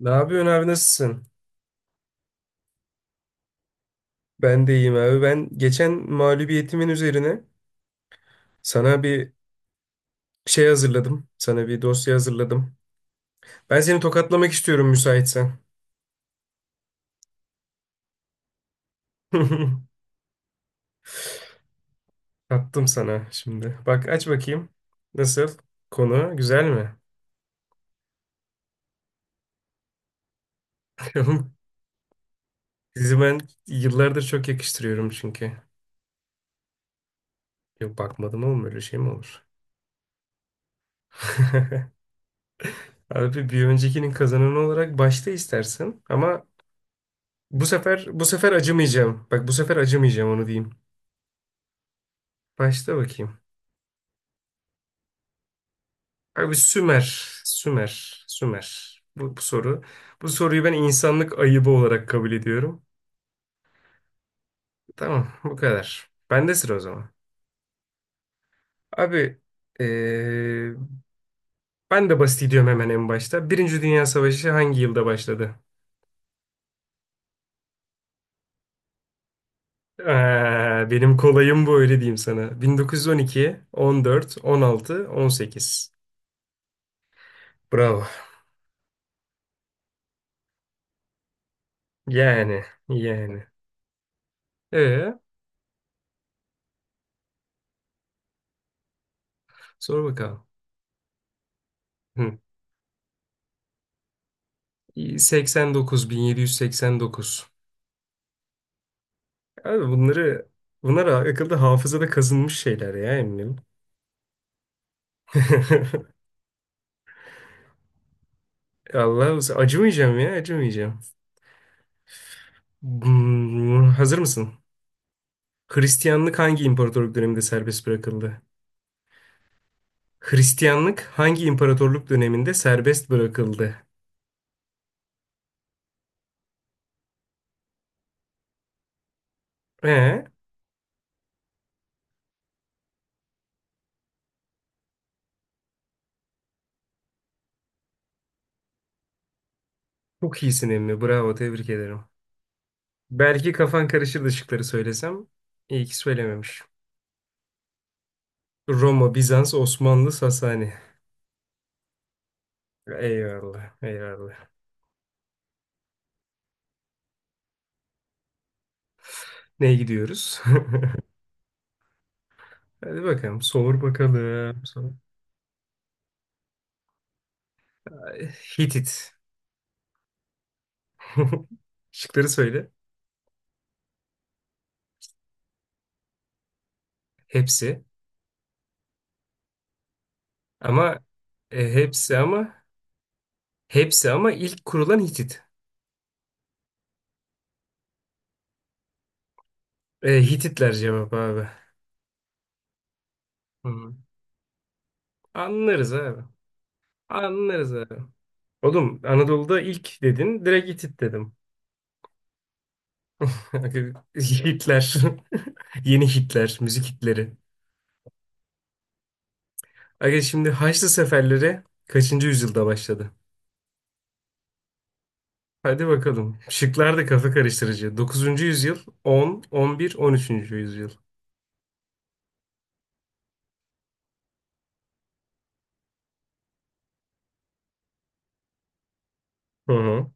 Ne yapıyorsun abi nasılsın? Ben de iyiyim abi. Ben geçen mağlubiyetimin üzerine sana bir şey hazırladım. Sana bir dosya hazırladım. Ben seni tokatlamak istiyorum müsaitsen. Attım sana şimdi. Bak aç bakayım. Nasıl? Konu güzel mi? Sizi ben yıllardır çok yakıştırıyorum çünkü. Yok bakmadım oğlum öyle şey mi olur? Abi bir öncekinin kazananı olarak başta istersin ama bu sefer acımayacağım. Bak bu sefer acımayacağım onu diyeyim. Başla bakayım. Abi Sümer, Sümer, Sümer. Bu soru. Bu soruyu ben insanlık ayıbı olarak kabul ediyorum. Tamam, bu kadar. Bende sıra o zaman. Abi, eee, ben de basit gidiyorum hemen en başta. Birinci Dünya Savaşı hangi yılda başladı? Benim kolayım bu öyle diyeyim sana. 1912, 14, 16, 18. Bravo. Yani, yani. Ee, sor bakalım. Hı. 89, 1789. Abi bunlar akılda hafızada kazınmış şeyler ya eminim. Allah acımayacağım ya acımayacağım. Hazır mısın? Hristiyanlık hangi imparatorluk döneminde serbest bırakıldı? Hristiyanlık hangi imparatorluk döneminde serbest bırakıldı? Ee, çok iyisin emmi. Bravo, tebrik ederim. Belki kafan karışırdı şıkları söylesem. İyi ki söylememiş. Roma, Bizans, Osmanlı, Sasani. Eyvallah, eyvallah. Neye gidiyoruz? Hadi bakalım. Sor bakalım. Sor. Hitit. Şıkları söyle. Hepsi. Ama e, hepsi ama hepsi ama ilk kurulan Hitit. E, Hititler cevap abi. Hı. Anlarız abi. Anlarız abi. Oğlum Anadolu'da ilk dedin. Direkt Hitit dedim. Hitler. Yeni Hitler. Müzik Hitleri. Aga şimdi Haçlı seferleri kaçıncı yüzyılda başladı? Hadi bakalım. Şıklar da kafa karıştırıcı. Dokuzuncu yüzyıl, on, on bir, on üçüncü yüzyıl. Hı hı.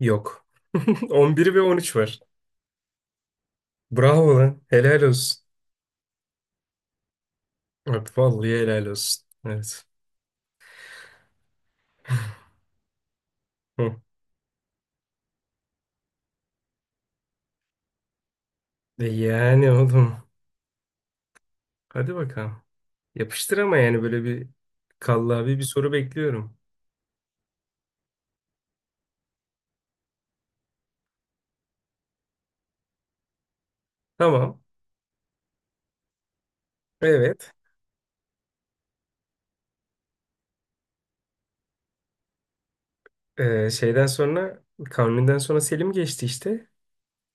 Yok. 11 ve 13 var. Bravo lan. Helal olsun. Abi vallahi helal olsun. Evet. Hı. E yani oğlum. Hadi bakalım. Yapıştır ama yani böyle bir kallavi bir soru bekliyorum. Tamam. Evet. Şeyden sonra Kanuni'den sonra Selim geçti işte.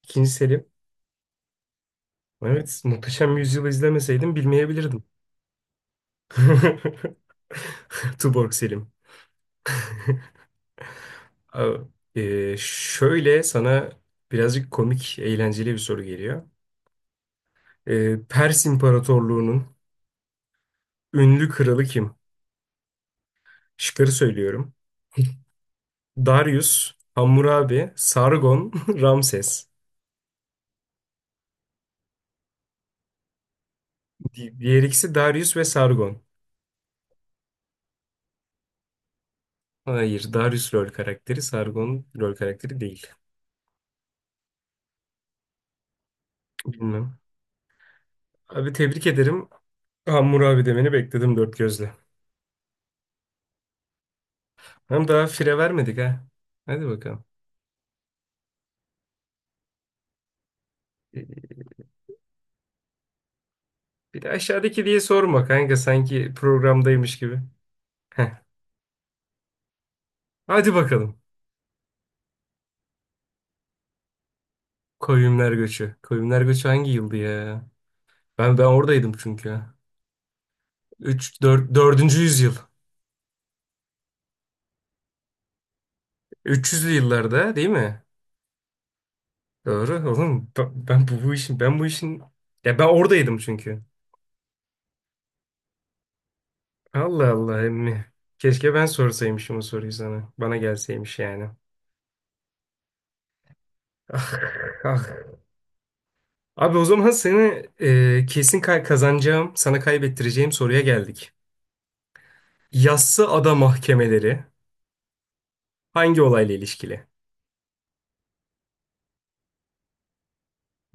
İkinci Selim. Evet. Muhteşem Yüzyıl'ı izlemeseydim bilmeyebilirdim. Tuborg Selim. Abi, şöyle sana birazcık komik, eğlenceli bir soru geliyor. Pers İmparatorluğu'nun ünlü kralı kim? Şıkları söylüyorum. Darius, Hammurabi, Sargon, Ramses. Diğer ikisi Darius ve Sargon. Hayır, Darius rol karakteri, Sargon rol karakteri değil. Bilmem. Abi tebrik ederim. Hammurabi demeni bekledim dört gözle. Hem daha fire vermedik ha. Hadi bakalım. Bir de aşağıdaki diye sorma kanka sanki programdaymış gibi. Heh. Hadi bakalım. Koyunlar Göçü. Koyunlar Göçü hangi yıldı ya? Ben oradaydım çünkü. 3 4 4. yüzyıl. 300'lü yıllarda değil mi? Doğru oğlum. Ben bu işin ya ben oradaydım çünkü. Allah Allah emmi. Keşke ben sorsaymışım o soruyu sana. Bana gelseymiş yani. Ah, ah. Abi o zaman seni kesin kazanacağım, sana kaybettireceğim soruya geldik. Yassı Ada mahkemeleri hangi olayla ilişkili?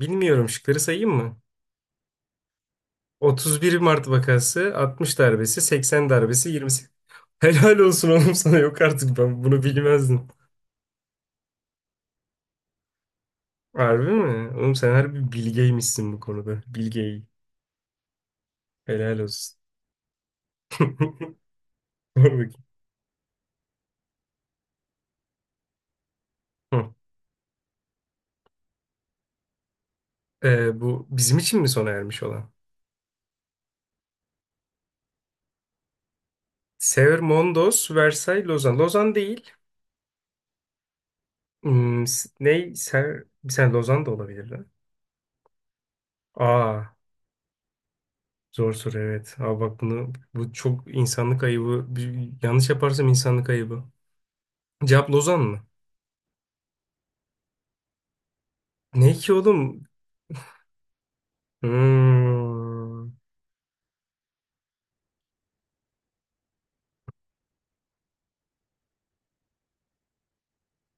Bilmiyorum şıkları sayayım mı? 31 Mart vakası, 60 darbesi, 80 darbesi, 28. Helal olsun oğlum sana yok artık ben bunu bilmezdim. Harbi mi? Oğlum sen harbi bilgeymişsin bu konuda. Bilgey. Helal olsun. Sor bakayım. Hı. Bu bizim için mi sona ermiş olan? Severmondos, Versailles, Lozan. Lozan değil. Ne? Ser... Bir saniye Lozan da olabilir lan. Aa. Zor soru evet. Abi bak bunu bu çok insanlık ayıbı. Yanlış yaparsam insanlık ayıbı. Cevap Lozan mı? Ne ki oğlum? Hmm.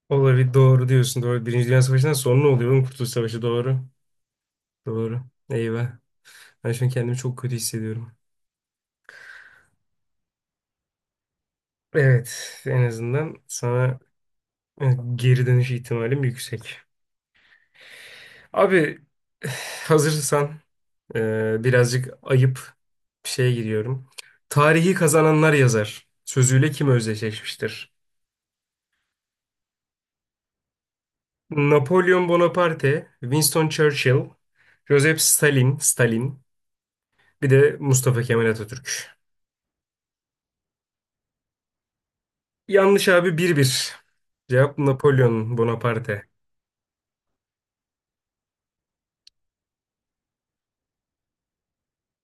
Olabilir doğru diyorsun. Doğru. Birinci Dünya Savaşı'ndan sonra oluyor oğlum Kurtuluş Savaşı doğru. Doğru. Eyvah. Ben şu an kendimi çok kötü hissediyorum. Evet en azından sana geri dönüş ihtimalim yüksek. Abi hazırsan birazcık ayıp bir şeye giriyorum. Tarihi kazananlar yazar. Sözüyle kim özdeşleşmiştir? Napolyon Bonaparte, Winston Churchill, Joseph Stalin, Stalin, bir de Mustafa Kemal Atatürk. Yanlış abi bir bir. Cevap Napolyon Bonaparte.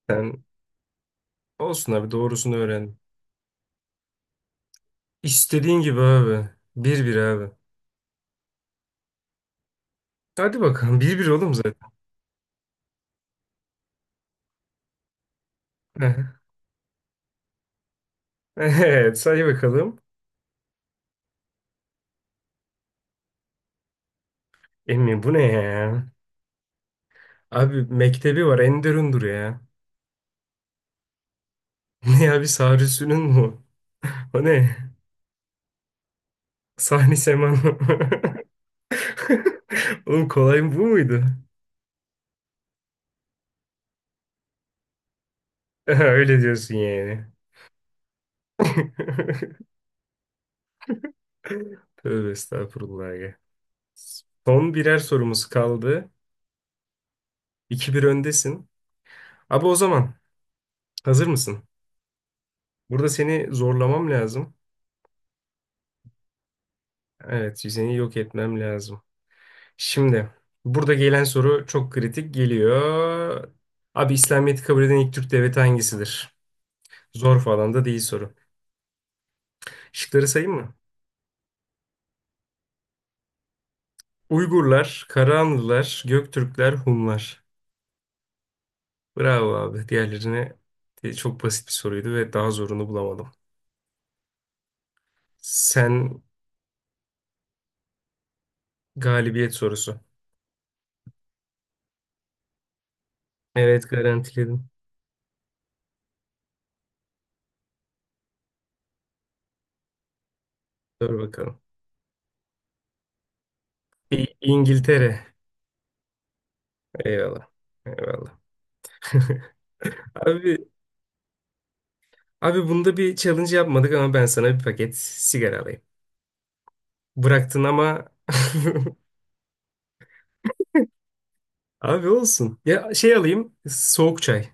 Sen olsun abi doğrusunu öğren. İstediğin gibi abi. Bir bir abi. Hadi bakalım bir bir oğlum zaten. Evet say bakalım. Emmi bu ne ya? Abi mektebi var Enderun'dur ya. Ne abi Sarüsü'nün mu? O ne? Sahni Seman. Oğlum kolay mı bu muydu? Öyle diyorsun yani. Tövbe estağfurullah ya. Son birer sorumuz kaldı. 2 bir öndesin. Abi o zaman hazır mısın? Burada seni zorlamam lazım. Evet, seni yok etmem lazım. Şimdi burada gelen soru çok kritik geliyor. Abi İslamiyet'i kabul eden ilk Türk devleti hangisidir? Zor falan da değil soru. Şıkları sayayım mı? Uygurlar, Karahanlılar, Göktürkler, Hunlar. Bravo abi. Diğerlerine de çok basit bir soruydu ve daha zorunu bulamadım. Sen galibiyet sorusu. Evet garantiledim. Dur bakalım. İngiltere. Eyvallah. Eyvallah. Abi, abi bunda bir challenge yapmadık ama ben sana bir paket sigara alayım. Bıraktın ama abi olsun. Ya şey alayım soğuk çay.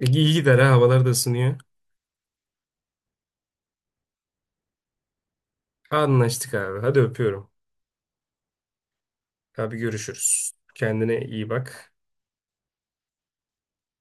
İyi gider ha havalar da ısınıyor. Anlaştık abi. Hadi öpüyorum. Abi görüşürüz. Kendine iyi bak.